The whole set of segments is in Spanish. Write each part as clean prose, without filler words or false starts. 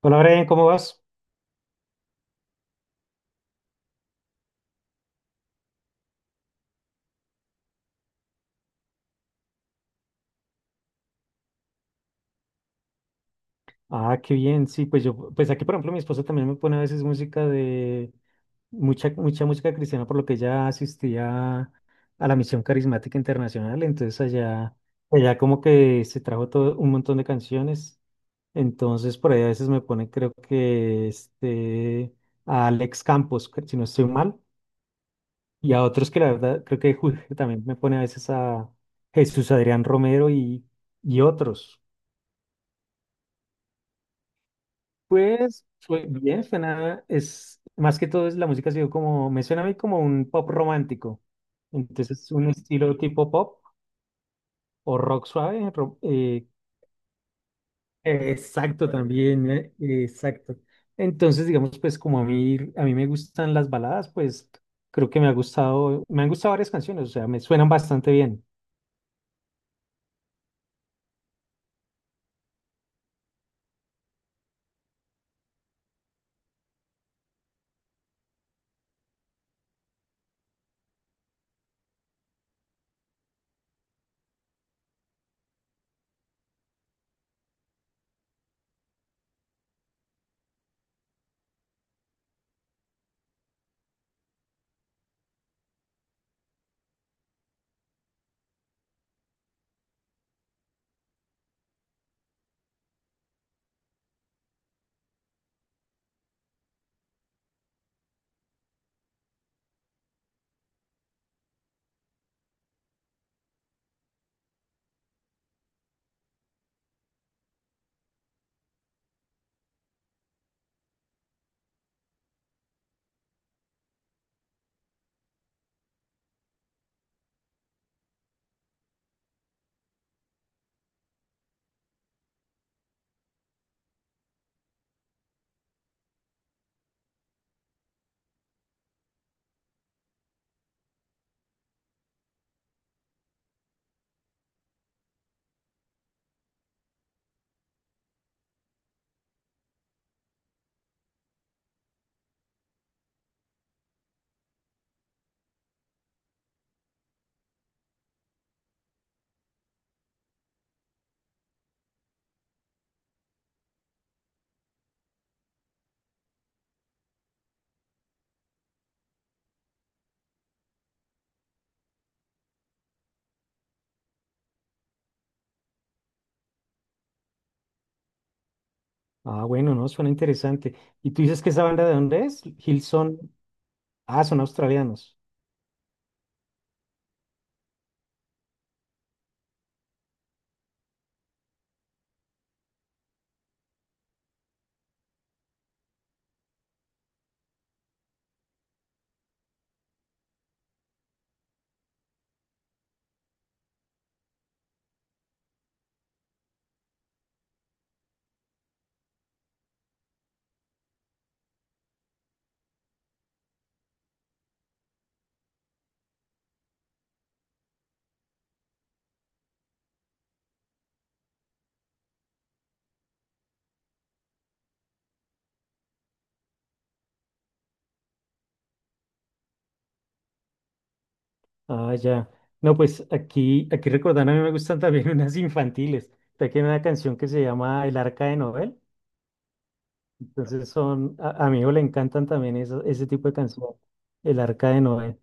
Hola, Brian, ¿cómo vas? Ah, qué bien, sí, pues yo, pues aquí, por ejemplo, mi esposa también me pone a veces música de mucha, mucha música cristiana, por lo que ella asistía a la Misión Carismática Internacional. Entonces, allá como que se trajo todo un montón de canciones. Entonces por ahí a veces me pone, creo que este, a Alex Campos, si no estoy mal, y a otros que la verdad, creo que también me pone a veces a Jesús Adrián Romero y otros. Pues bien, suena, es más que todo es la música ha sido como, me suena a mí como un pop romántico. Entonces, un estilo tipo pop o rock suave. Exacto, también, exacto. Entonces, digamos, pues como a mí, me gustan las baladas, pues creo que me ha gustado, me han gustado varias canciones, o sea, me suenan bastante bien. Ah, bueno, no, suena interesante. ¿Y tú dices que esa banda de dónde es? Hillsong. Ah, son australianos. Ah, ya. No, pues aquí, recordando, a mí me gustan también unas infantiles. Aquí hay una canción que se llama El Arca de Noel. Entonces son, a mi hijo le encantan también ese tipo de canción. El Arca de Noel.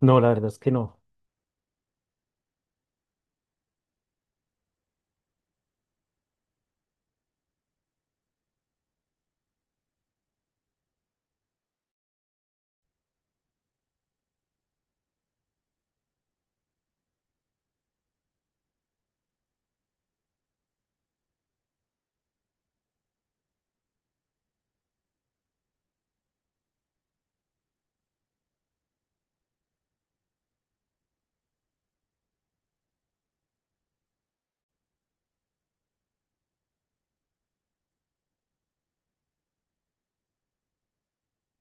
No, la verdad es que no.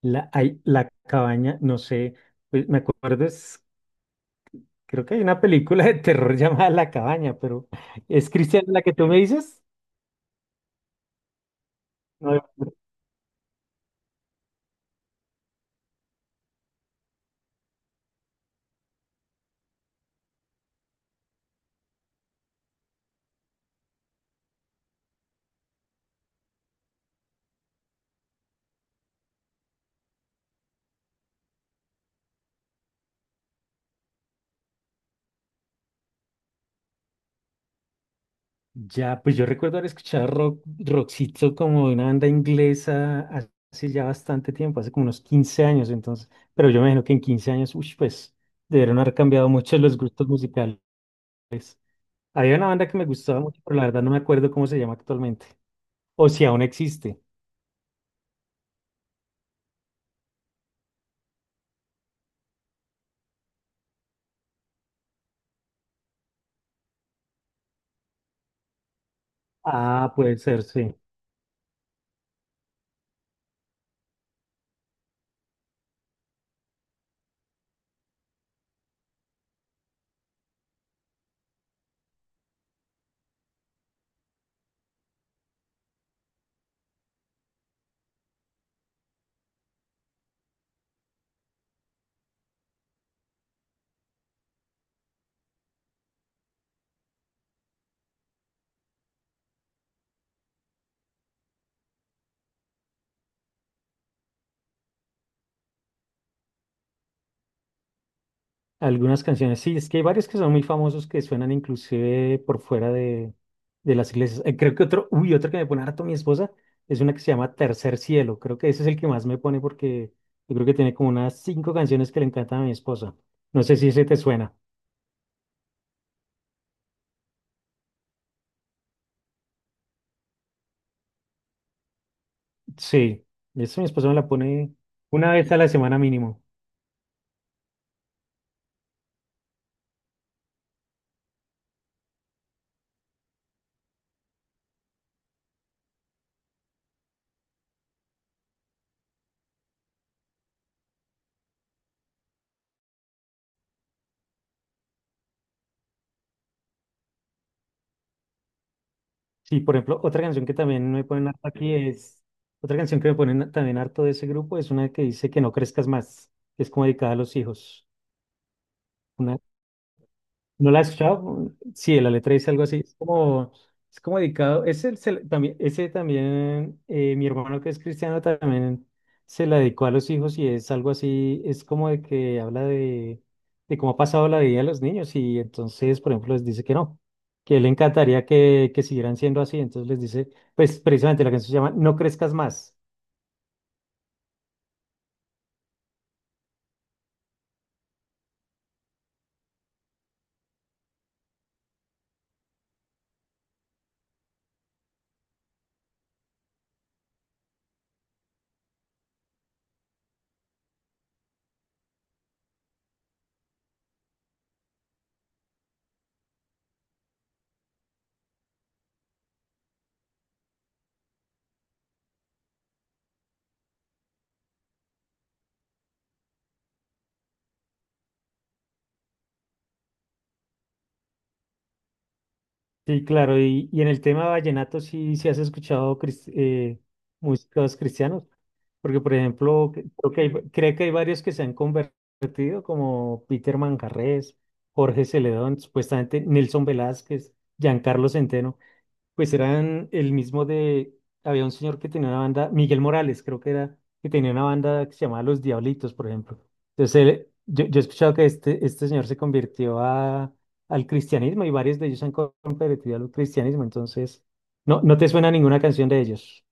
Hay, la cabaña, no sé, pues, me acuerdo, es, creo que hay una película de terror llamada La Cabaña, pero ¿es cristiana la que tú me dices? No. Ya, pues yo recuerdo haber escuchado rock, rockcito como de una banda inglesa hace ya bastante tiempo, hace como unos 15 años entonces, pero yo me imagino que en 15 años, uy, pues debieron haber cambiado mucho los gustos musicales. Había una banda que me gustaba mucho, pero la verdad no me acuerdo cómo se llama actualmente, o si aún existe. Ah, puede ser, sí. Algunas canciones, sí, es que hay varios que son muy famosos que suenan inclusive por fuera de las iglesias. Creo que otro, uy, otro que me pone harto mi esposa es una que se llama Tercer Cielo. Creo que ese es el que más me pone porque yo creo que tiene como unas cinco canciones que le encantan a mi esposa. No sé si ese te suena. Sí, eso mi esposa me la pone una vez a la semana mínimo. Sí, por ejemplo, otra canción que también me ponen harto aquí es, otra canción que me ponen también harto de ese grupo es una que dice que no crezcas más, que es como dedicada a los hijos. Una, ¿no la has escuchado? Sí, la letra dice algo así. es como, dedicado. Ese también, mi hermano que es cristiano también se la dedicó a los hijos y es algo así. Es como de que habla de, cómo ha pasado la vida de los niños y entonces, por ejemplo, les dice que no, que le encantaría que siguieran siendo así. Entonces les dice, pues precisamente la canción se llama No crezcas más. Sí, claro, y en el tema vallenato sí, sí has escuchado músicos cristianos, porque por ejemplo, creo que hay, varios que se han convertido, como Peter Manjarrés, Jorge Celedón, supuestamente Nelson Velázquez, Giancarlo Centeno. Pues eran el mismo de, había un señor que tenía una banda, Miguel Morales creo que era, que tenía una banda que se llamaba Los Diablitos, por ejemplo. Entonces, yo he escuchado que este señor se convirtió al cristianismo y varios de ellos se han convertido al cristianismo, entonces, no, no te suena ninguna canción de ellos.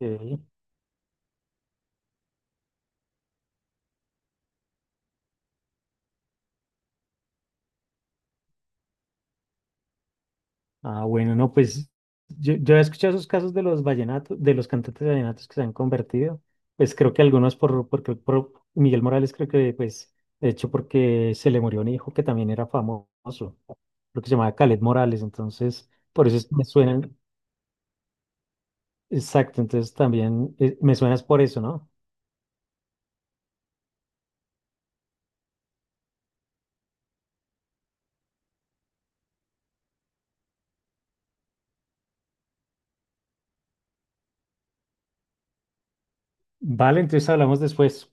Ah, bueno, no, pues yo he escuchado esos casos de los vallenatos, de los cantantes vallenatos que se han convertido. Pues creo que algunos porque por Miguel Morales creo que pues, de hecho, porque se le murió un hijo que también era famoso, creo que se llamaba Caled Morales, entonces por eso es que me suenan, exacto, entonces también me suenas por eso, ¿no? Vale, entonces hablamos después.